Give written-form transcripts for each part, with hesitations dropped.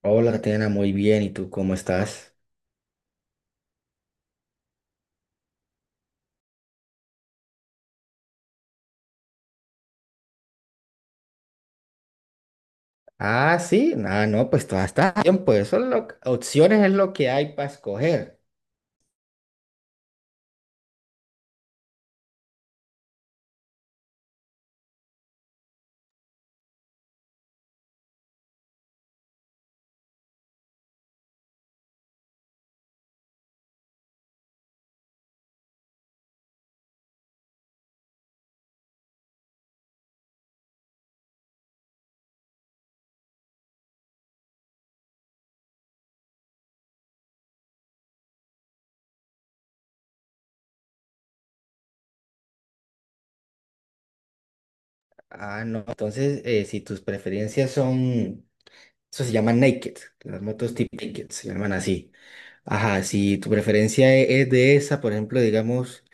Hola, Tatiana, muy bien. ¿Y tú cómo estás? Ah, sí. Ah, no, pues todo está bien. Pues son opciones es lo que hay para escoger. Ah, no. Entonces, si tus preferencias son, eso se llama naked. Las motos tipo naked se llaman así. Ajá, si tu preferencia es de esa, por ejemplo, digamos,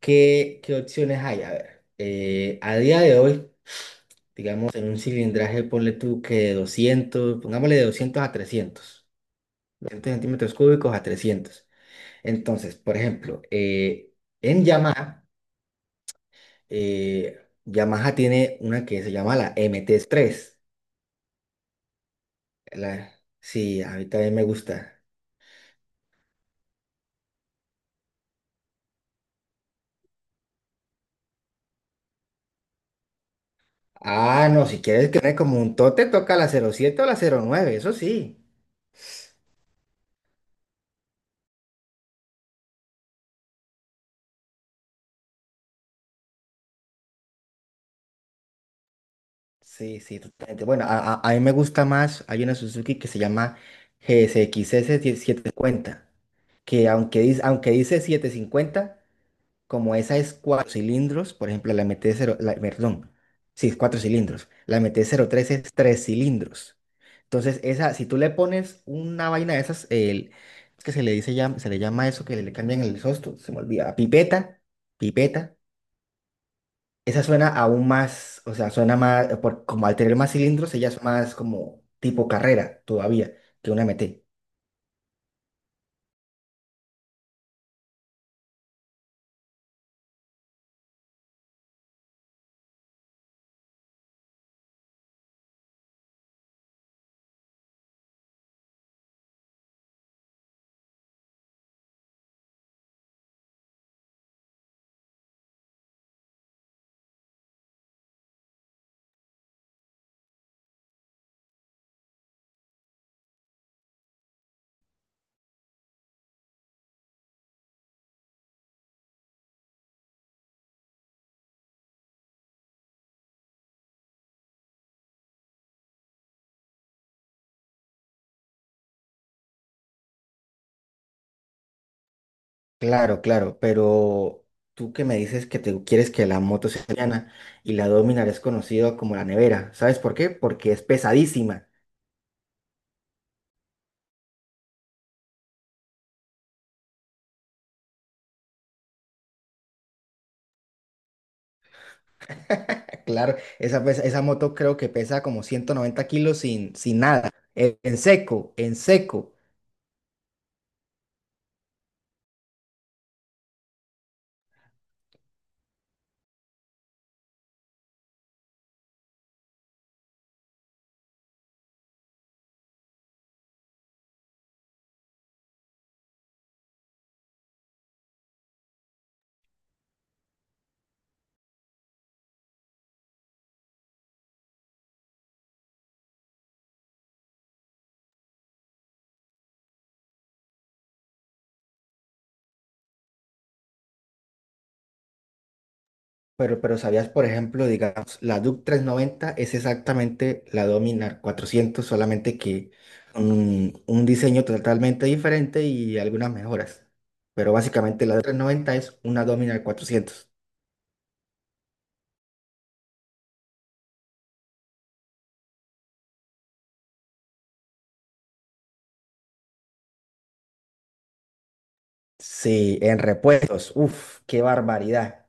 ¿qué opciones hay? A ver, a día de hoy, digamos, en un cilindraje, ponle tú que de 200, pongámosle de 200 a trescientos, 200 centímetros cúbicos a 300. Entonces, por ejemplo, en Yamaha, eh, Yamaha tiene una que se llama la MT tres. La- sí, a mí también me gusta. Ah, no, si quieres que me como un tote, toca la cero siete o la cero nueve, eso sí. Sí, sí, totalmente. Bueno, a mí me gusta más. Hay una Suzuki que se llama GSX S X S setecientos cincuenta, que aunque dice setecientos cincuenta. Como esa es cuatro cilindros, por ejemplo, la MT-0, perdón, sí, es cuatro cilindros. La M T cero tres es tres cilindros. Entonces, esa, si tú le pones una vaina de esas, el, es que se le llama eso que le cambian el sosto, se me olvida, pipeta, pipeta. Esa suena aún más, o sea, suena más, por, como al tener más cilindros, ella es más como tipo carrera todavía que una M T. Claro, pero tú que me dices que te quieres que la moto sea liviana y la Dominar es conocida como la nevera, ¿sabes por qué? Porque es pesadísima. Claro, esa, esa moto creo que pesa como 190 kilos, sin, sin nada, en seco, en seco. Pero ¿sabías? Por ejemplo, digamos, la DUC noventa es exactamente la Dominar cuatrocientos, solamente que un diseño totalmente diferente y algunas mejoras. Pero básicamente la DUC noventa es una Dominar cuatrocientos. Sí, en repuestos, uff, qué barbaridad.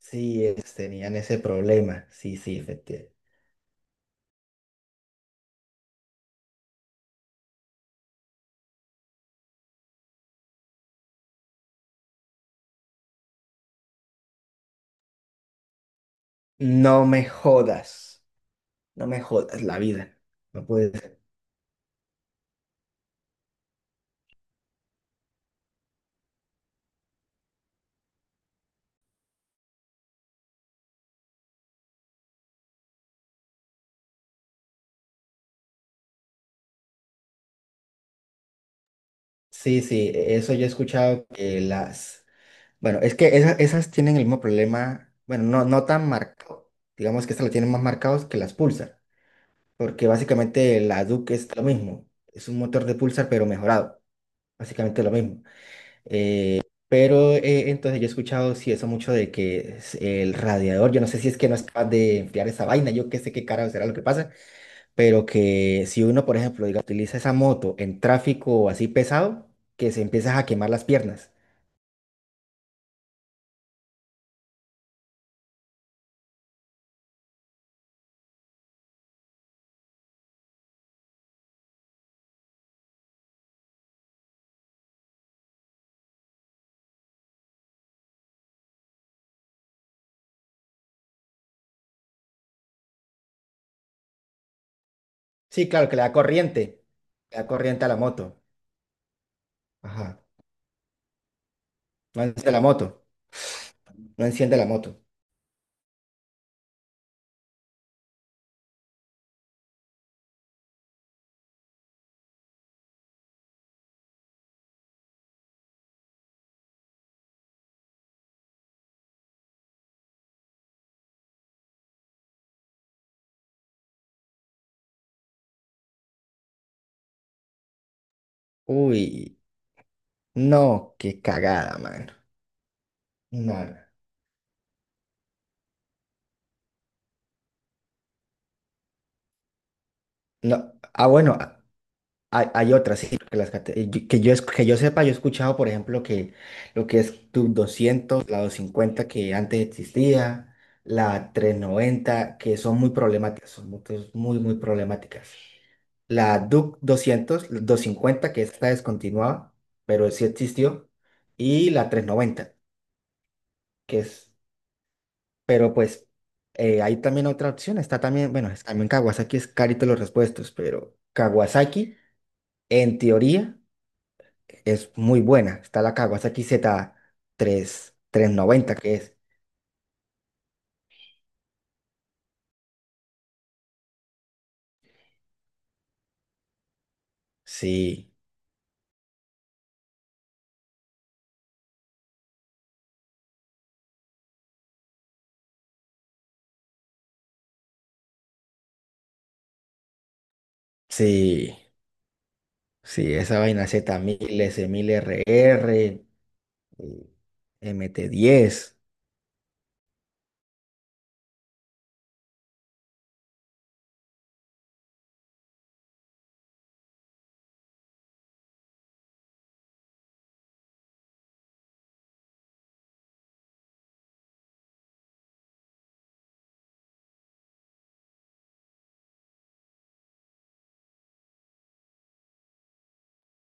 Sí, tenían ese problema. Sí, sí, efectivamente. No me jodas, no me jodas la vida. No puede ser. Sí, sí, eso yo he escuchado, que las. Bueno, es que esas tienen el mismo problema, bueno, no, no tan marcado. Digamos que estas la tienen más marcados que las Pulsar, porque básicamente la Duke es lo mismo. Es un motor de Pulsar, pero mejorado. Básicamente lo mismo. Pero entonces yo he escuchado, sí, eso mucho, de que es el radiador. Yo no sé si es que no es capaz de enfriar esa vaina, yo qué sé qué carajo será lo que pasa, pero que si uno, por ejemplo, diga, utiliza esa moto en tráfico así pesado, que se empieza a quemar las piernas. Sí, claro, que le da corriente a la moto. Ajá. No enciende la moto. No enciende la moto. Uy, no, qué cagada, mano. No, no. Ah, bueno, hay otras, sí, porque las que yo sepa, yo he escuchado, por ejemplo, que lo que es tu doscientos, la 250 que antes existía, la trescientos noventa, que son muy problemáticas, son motos muy, muy problemáticas. La Duke doscientos, la 250 que está descontinuada, pero sí existió, y la 390 que es. Pero pues hay también otra opción, está también, bueno, también Kawasaki es carito los repuestos, pero Kawasaki en teoría es muy buena. Está la Kawasaki Z3, tres trescientos noventa que es. Sí, sí, sí, esa vaina Z mil, S S1000RR, MT diez.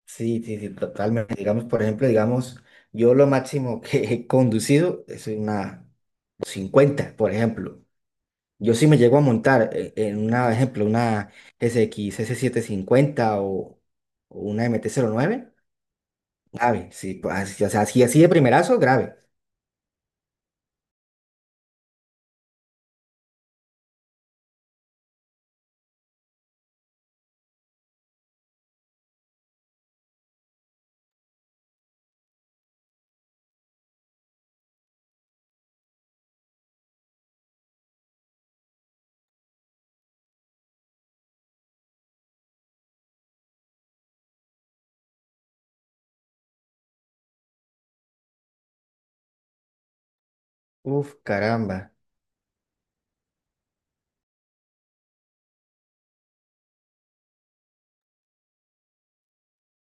Sí, sí, sí, totalmente. Digamos, por ejemplo, digamos, yo lo máximo que he conducido es una cincuenta, por ejemplo. Yo sí me llego a montar en una, ejemplo, una S X S750 o una M T cero nueve, grave. Sí, pues, o sea, así, así de primerazo, grave. Uf, caramba,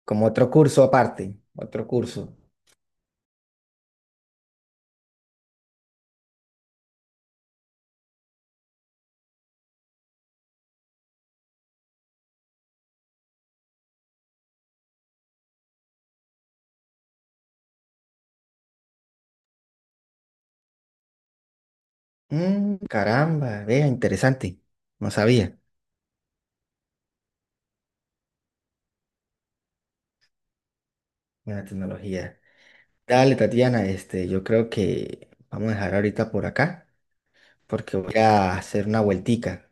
como otro curso aparte, otro curso. Mm, caramba, vea, interesante, no sabía, buena tecnología. Dale, Tatiana, yo creo que vamos a dejar ahorita por acá, porque voy a hacer una vueltica,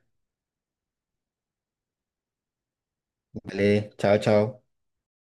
¿vale? Chao, chao.